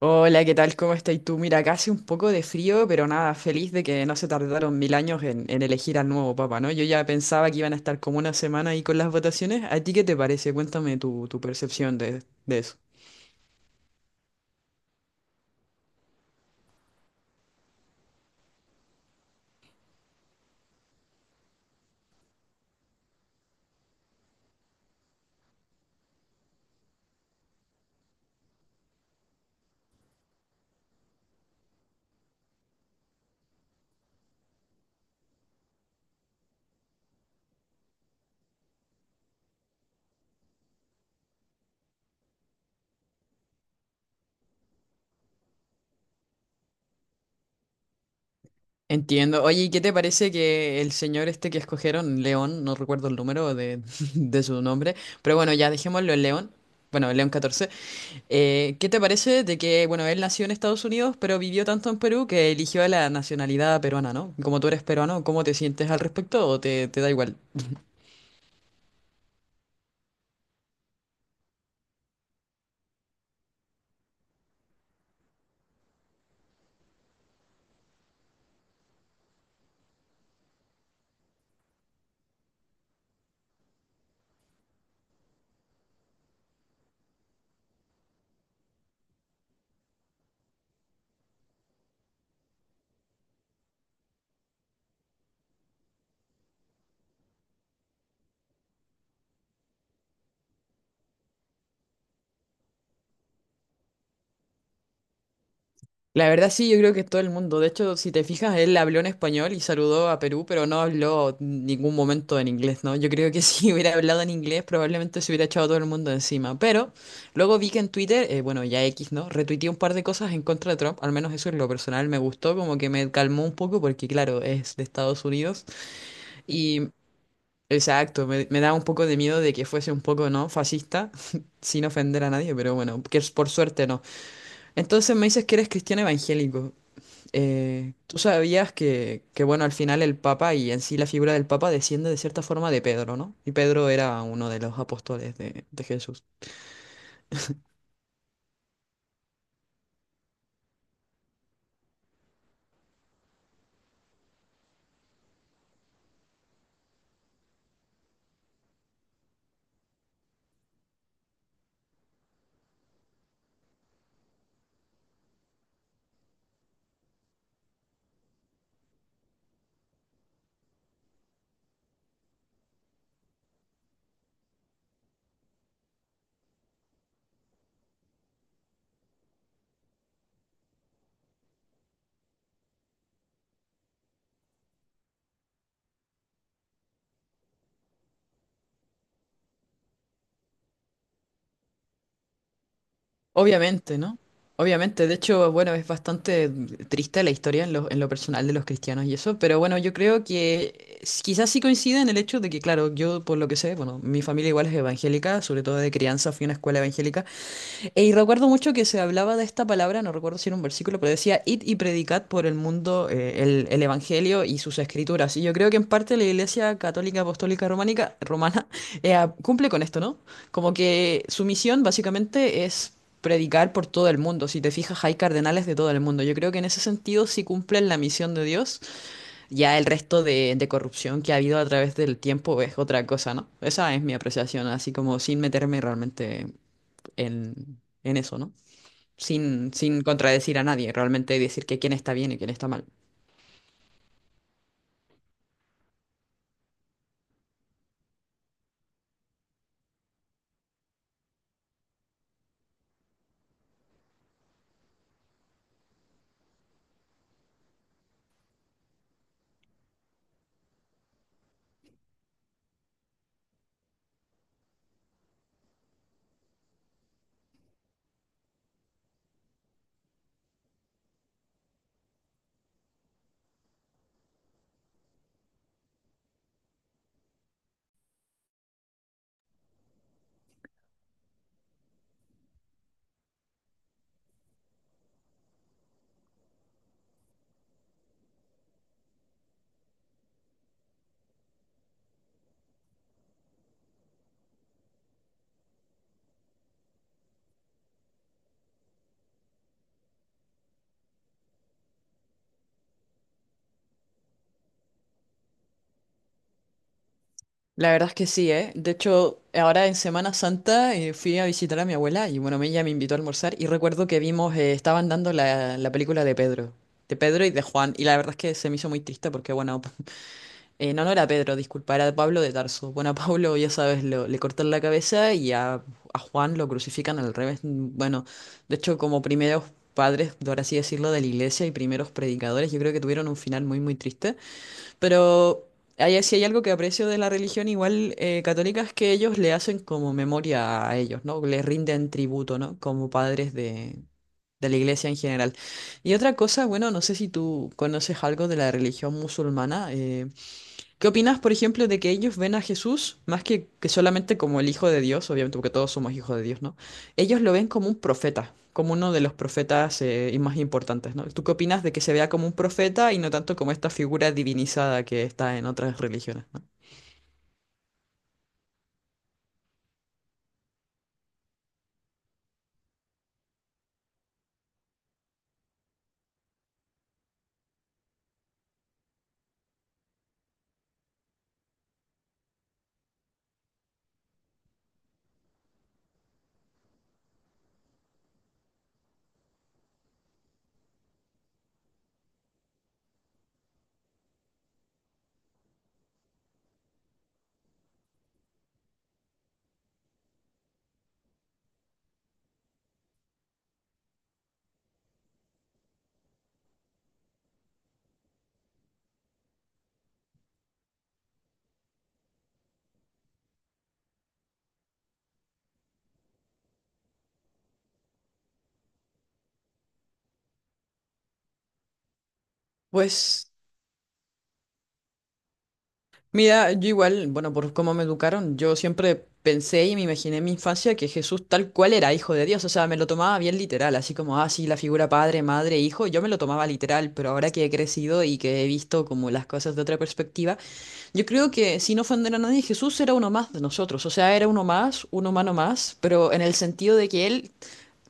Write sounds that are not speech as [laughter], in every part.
Hola, ¿qué tal? ¿Cómo estás tú? Mira, acá hace un poco de frío, pero nada, feliz de que no se tardaron 1000 años en elegir al nuevo papa, ¿no? Yo ya pensaba que iban a estar como una semana ahí con las votaciones. ¿A ti qué te parece? Cuéntame tu percepción de eso. Entiendo. Oye, ¿y qué te parece que el señor este que escogieron, León, no recuerdo el número de, [laughs] de su nombre, pero bueno, ya dejémoslo en León, bueno, León XIV. ¿Qué te parece de que, bueno, él nació en Estados Unidos, pero vivió tanto en Perú que eligió la nacionalidad peruana, ¿no? Como tú eres peruano, ¿cómo te sientes al respecto o te da igual? La verdad sí, yo creo que todo el mundo. De hecho, si te fijas, él habló en español y saludó a Perú, pero no habló ningún momento en inglés, ¿no? Yo creo que [laughs] si hubiera hablado en inglés, probablemente se hubiera echado a todo el mundo encima. Pero luego vi que en Twitter, bueno, ya X, ¿no? Retuiteé un par de cosas en contra de Trump, al menos eso en lo personal me gustó, como que me calmó un poco, porque claro, es de Estados Unidos. Y Exacto, me da un poco de miedo de que fuese un poco, ¿no? Fascista, [laughs] sin ofender a nadie, pero bueno, por suerte no. Entonces me dices que eres cristiano evangélico. ¿Tú sabías que, bueno, al final el Papa y en sí la figura del Papa desciende de cierta forma de Pedro, ¿no? Y Pedro era uno de los apóstoles de Jesús. Obviamente, ¿no? Obviamente, de hecho, bueno, es bastante triste la historia en lo personal de los cristianos y eso, pero bueno, yo creo que quizás sí coincide en el hecho de que, claro, yo por lo que sé, bueno, mi familia igual es evangélica, sobre todo de crianza fui a una escuela evangélica, y recuerdo mucho que se hablaba de esta palabra, no recuerdo si era un versículo, pero decía, id y predicad por el mundo el Evangelio y sus escrituras. Y yo creo que en parte la Iglesia Católica Apostólica Románica, Romana [laughs] cumple con esto, ¿no? Como que su misión básicamente es predicar por todo el mundo. Si te fijas, hay cardenales de todo el mundo. Yo creo que en ese sentido sí cumplen la misión de Dios. Ya el resto de corrupción que ha habido a través del tiempo es otra cosa, ¿no? Esa es mi apreciación, así como sin meterme realmente en eso, ¿no? Sin contradecir a nadie, realmente decir que quién está bien y quién está mal. La verdad es que sí, ¿eh? De hecho, ahora en Semana Santa fui a visitar a mi abuela y bueno, ella me invitó a almorzar y recuerdo que vimos, estaban dando la película de Pedro y de Juan, y la verdad es que se me hizo muy triste porque bueno, [laughs] no, no era Pedro, disculpa, era Pablo de Tarso. Bueno, a Pablo, ya sabes, le cortan la cabeza y a Juan lo crucifican al revés. Bueno, de hecho, como primeros padres, por así decirlo, de la iglesia y primeros predicadores, yo creo que tuvieron un final muy, muy triste. Pero hay, si hay algo que aprecio de la religión igual católica es que ellos le hacen como memoria a ellos, ¿no? Le rinden tributo, ¿no? Como padres de la iglesia en general. Y otra cosa, bueno, no sé si tú conoces algo de la religión musulmana. ¿Qué opinas, por ejemplo, de que ellos ven a Jesús más que solamente como el Hijo de Dios, obviamente porque todos somos hijos de Dios, ¿no? Ellos lo ven como un profeta, como uno de los profetas y más importantes, ¿no? ¿Tú qué opinas de que se vea como un profeta y no tanto como esta figura divinizada que está en otras religiones, ¿no? Pues, mira, yo igual, bueno, por cómo me educaron, yo siempre pensé y me imaginé en mi infancia que Jesús tal cual era hijo de Dios, o sea, me lo tomaba bien literal, así como, ah, sí, la figura padre, madre, hijo, yo me lo tomaba literal, pero ahora que he crecido y que he visto como las cosas de otra perspectiva, yo creo que sin ofender a nadie, Jesús era uno más de nosotros, o sea, era uno más, un humano más, pero en el sentido de que él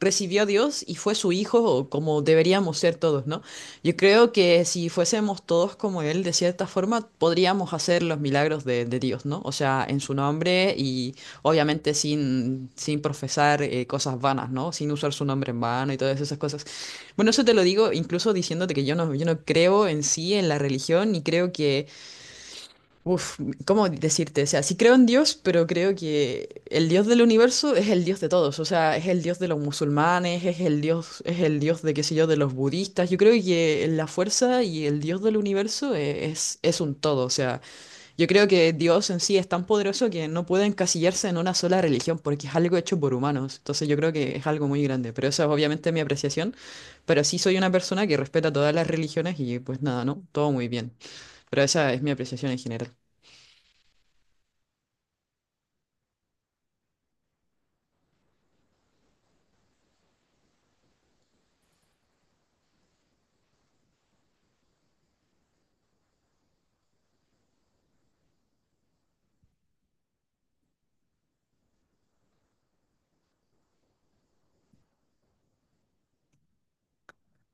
recibió a Dios y fue su hijo como deberíamos ser todos, ¿no? Yo creo que si fuésemos todos como él, de cierta forma, podríamos hacer los milagros de Dios, ¿no? O sea, en su nombre y obviamente sin, sin profesar cosas vanas, ¿no? Sin usar su nombre en vano y todas esas cosas. Bueno, eso te lo digo incluso diciéndote que yo no creo en sí, en la religión, y creo que Uf, ¿cómo decirte? O sea, sí creo en Dios, pero creo que el Dios del universo es el Dios de todos. O sea, es el Dios de los musulmanes, es el Dios de, qué sé yo, de los budistas. Yo creo que la fuerza y el Dios del universo es un todo. O sea, yo creo que Dios en sí es tan poderoso que no puede encasillarse en una sola religión porque es algo hecho por humanos. Entonces yo creo que es algo muy grande. Pero esa es obviamente mi apreciación. Pero sí soy una persona que respeta todas las religiones y pues nada, ¿no? Todo muy bien. Pero esa es mi apreciación en general.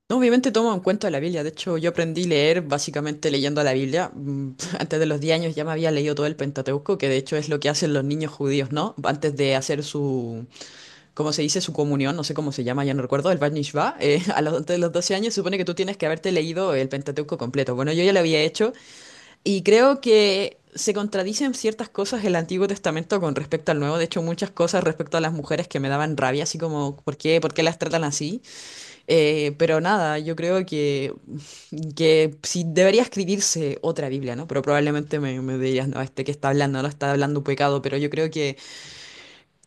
No, obviamente tomo en cuenta la Biblia. De hecho, yo aprendí a leer básicamente leyendo la Biblia. Mm. [laughs] Antes de los 10 años ya me había leído todo el Pentateuco, que de hecho es lo que hacen los niños judíos, ¿no? Antes de hacer su, ¿cómo se dice? Su comunión, no sé cómo se llama, ya no recuerdo, el Bat Mishvah. [laughs] A los, antes de los 12 años se supone que tú tienes que haberte leído el Pentateuco completo. Bueno, yo ya lo había hecho y creo que... Se contradicen ciertas cosas el Antiguo Testamento con respecto al Nuevo. De hecho, muchas cosas respecto a las mujeres que me daban rabia, así como, ¿por qué las tratan así? Pero nada, yo creo que sí debería escribirse otra Biblia, ¿no? Pero probablemente me dirías, no, este que está hablando, no está hablando un pecado, pero yo creo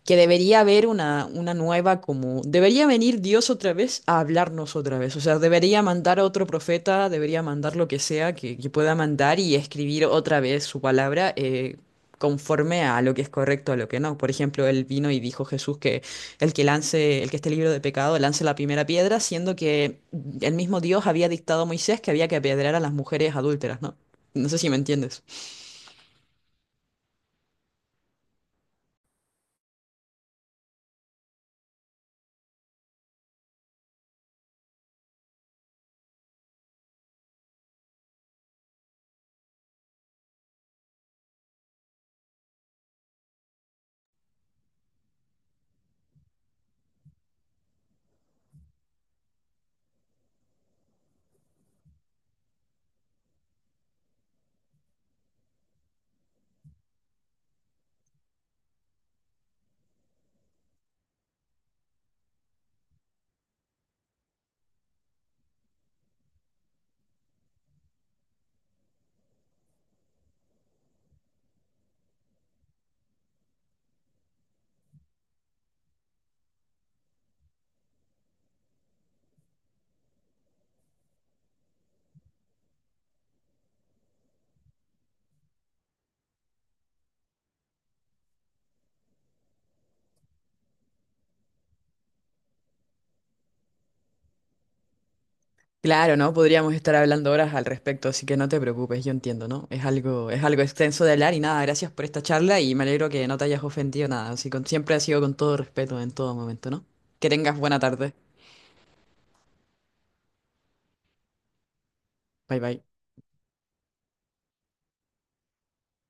que debería haber una nueva como... Debería venir Dios otra vez a hablarnos otra vez. O sea, debería mandar a otro profeta, debería mandar lo que sea que pueda mandar y escribir otra vez su palabra conforme a lo que es correcto, a lo que no. Por ejemplo, él vino y dijo Jesús que el que lance, el que esté libre de pecado, lance la primera piedra, siendo que el mismo Dios había dictado a Moisés que había que apedrear a las mujeres adúlteras, ¿no? No sé si me entiendes. Claro, ¿no? Podríamos estar hablando horas al respecto, así que no te preocupes, yo entiendo, ¿no? Es algo extenso de hablar y nada, gracias por esta charla y me alegro que no te hayas ofendido nada, siempre ha sido con todo respeto en todo momento, ¿no? Que tengas buena tarde. Bye bye.